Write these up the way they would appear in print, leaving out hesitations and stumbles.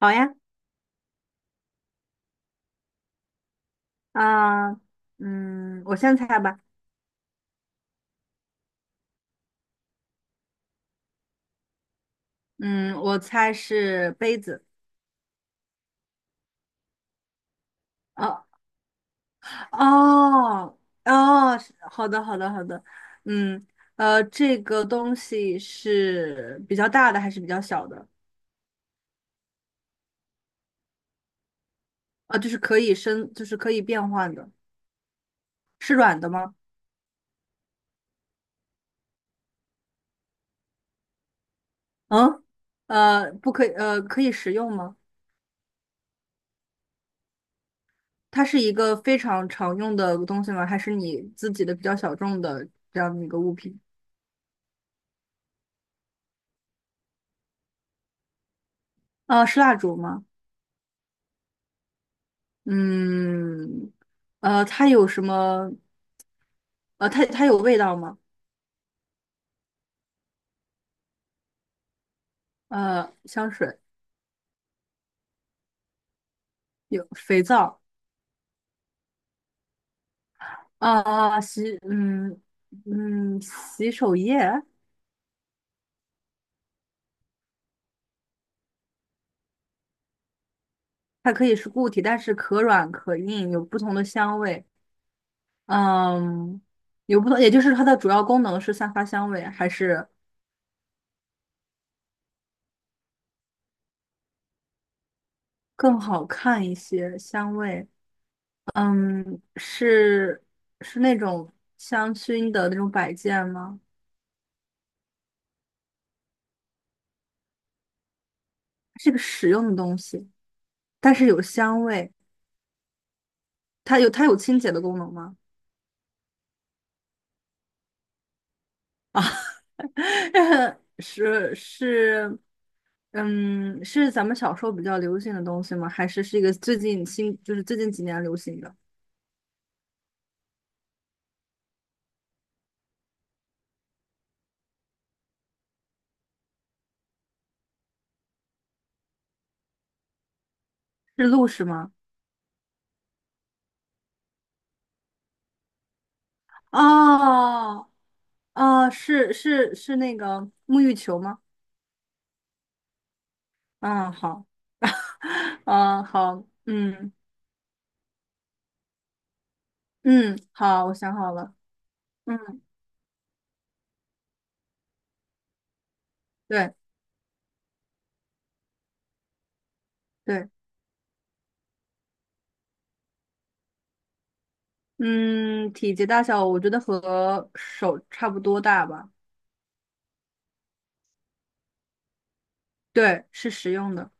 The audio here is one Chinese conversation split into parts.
好呀。啊、我先猜吧。嗯，我猜是杯子。哦。哦。哦，是好的好的好的。嗯，这个东西是比较大的还是比较小的？啊，就是可以升，就是可以变换的。是软的吗？嗯。呃，不可以，呃，可以食用吗？它是一个非常常用的东西吗？还是你自己的比较小众的这样的一个物品？啊，是蜡烛吗？嗯。它有什么？它有味道吗？呃，香水有，肥皂。啊，啊洗，嗯嗯，洗手液。它可以是固体，但是可软可硬，有不同的香味。嗯，有不同，也就是它的主要功能是散发香味，还是更好看一些香味？嗯，是，是那种香薰的那种摆件吗？是个实用的东西。但是有香味。它有清洁的功能吗？啊，是是。嗯，是咱们小时候比较流行的东西吗？还是是一个最近新，就是最近几年流行的？是露是吗？哦。哦，是是是那个沐浴球吗？嗯，好。嗯，好。嗯。嗯，好，我想好了。嗯。对。对。嗯，体积大小我觉得和手差不多大吧。对，是实用的。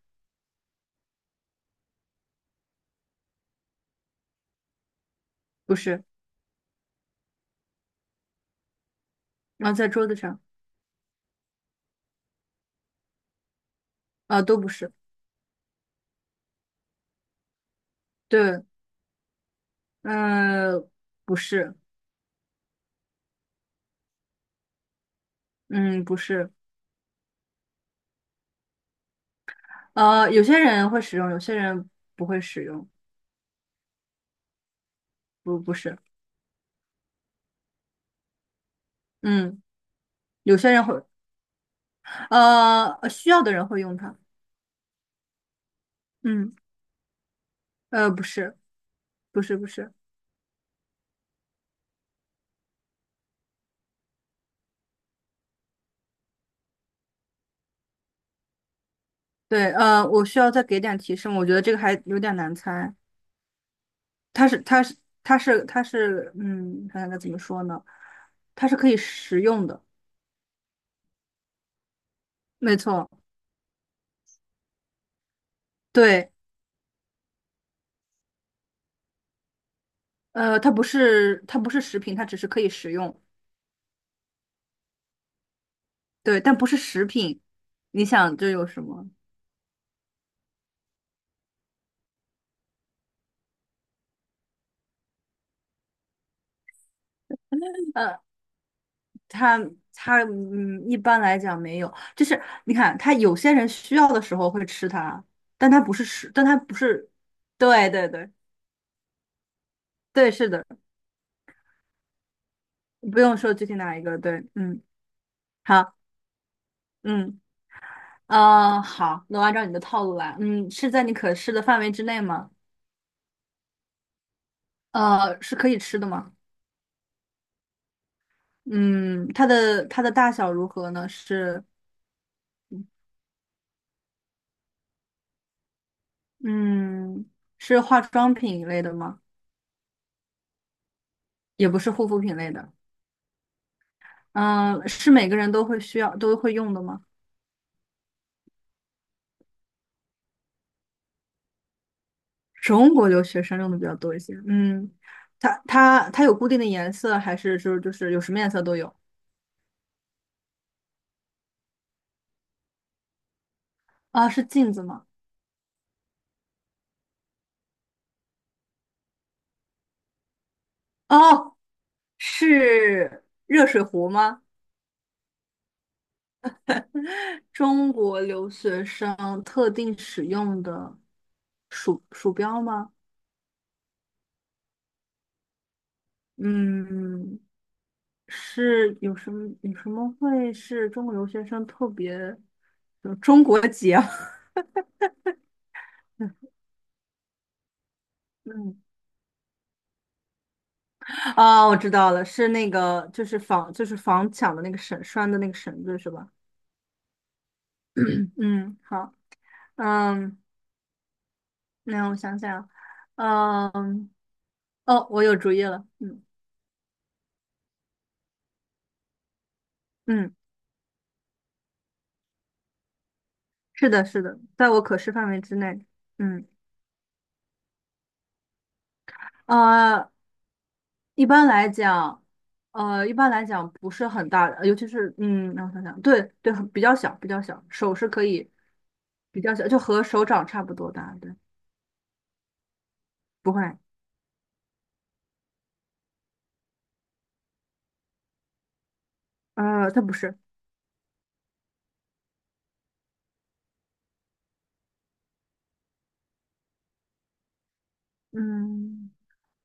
不是。啊，在桌子上。啊，都不是。对。呃，不是。嗯，不是。有些人会使用，有些人不会使用。不，不是。嗯，有些人会，需要的人会用它。嗯。不是。不是。不是。对。呃，我需要再给点提示吗，我觉得这个还有点难猜。它是，它是，它是，它是，嗯，看看该怎么说呢？它是可以食用的。没错。对。呃，它不是食品，它只是可以食用。对，但不是食品。你想这有什么？呃，它它嗯，一般来讲没有，就是你看，它有些人需要的时候会吃它，但它不是。对对对对。是的，不用说具体哪一个。对。嗯。好。嗯。呃，好，那我按照你的套路来。嗯，是在你可视的范围之内吗？呃，是可以吃的吗？嗯，它的大小如何呢？是。嗯，是化妆品一类的吗？也不是护肤品类的。嗯，是每个人都会需要都会用的吗？中国留学生用的比较多一些。嗯，它有固定的颜色，还是就是有什么颜色都有？啊，是镜子吗？哦。是热水壶吗？中国留学生特定使用的鼠标吗？嗯，是有什么会是中国留学生特别有中国结？嗯。啊，我知道了，是那个就是房就是房抢的那个的那个绳子是吧？嗯，好。嗯，那我想想。嗯。哦，我有主意了。嗯。嗯，是的，是的，在我可视范围之内。嗯。呃，一般来讲，一般来讲不是很大的。呃尤其是嗯，让我想想，对对，比较小，比较小，手是可以比较小，就和手掌差不多大。对。不会。呃，它不是。嗯，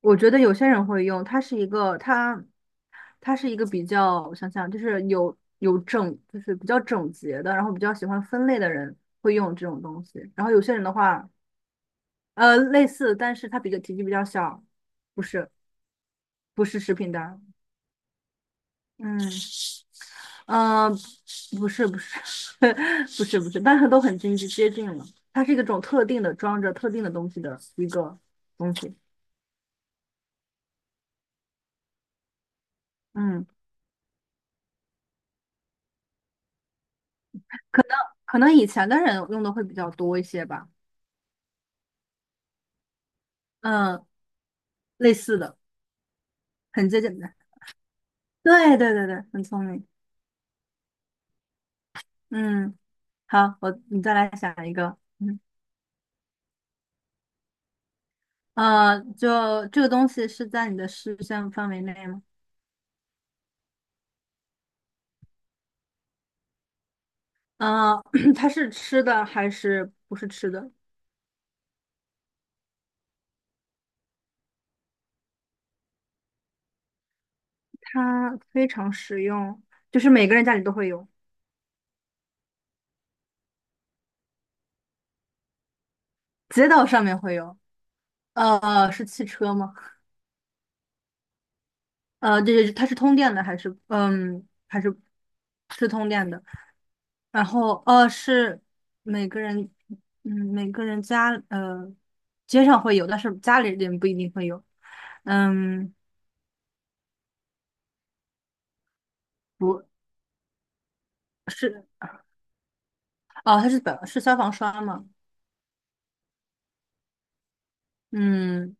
我觉得有些人会用，它是一个比较，我想想，就是有有整，就是比较整洁的，然后比较喜欢分类的人会用这种东西，然后有些人的话，呃，类似，但是它比较体积比较小。不是不是食品单。嗯。嗯、呃不是。 不是，但是都很近，接近了。它是一个种特定的装着特定的东西的一个东西。嗯，可能以前的人用的会比较多一些吧。嗯，类似的，很接近的。对对对对，很聪明。嗯，好。我你再来想一个。嗯。呃，就这个东西是在你的视线范围内吗？嗯，它是吃的还是不是吃的？它非常实用，就是每个人家里都会有。街道上面会有。是汽车吗？呃，对对，对它是通电的还是还是是通电的？然后每个人每个人家呃街上会有，但是家里人不一定会有。嗯，不是哦，它是消防栓吗？嗯，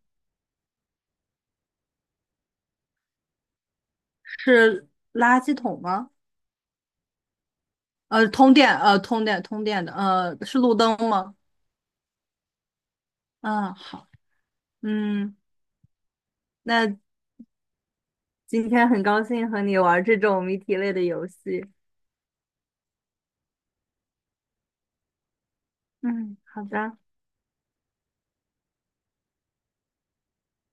是垃圾桶吗？通电的是路灯吗？嗯，好。嗯。那今天很高兴和你玩这种谜题类的游戏。嗯，好的。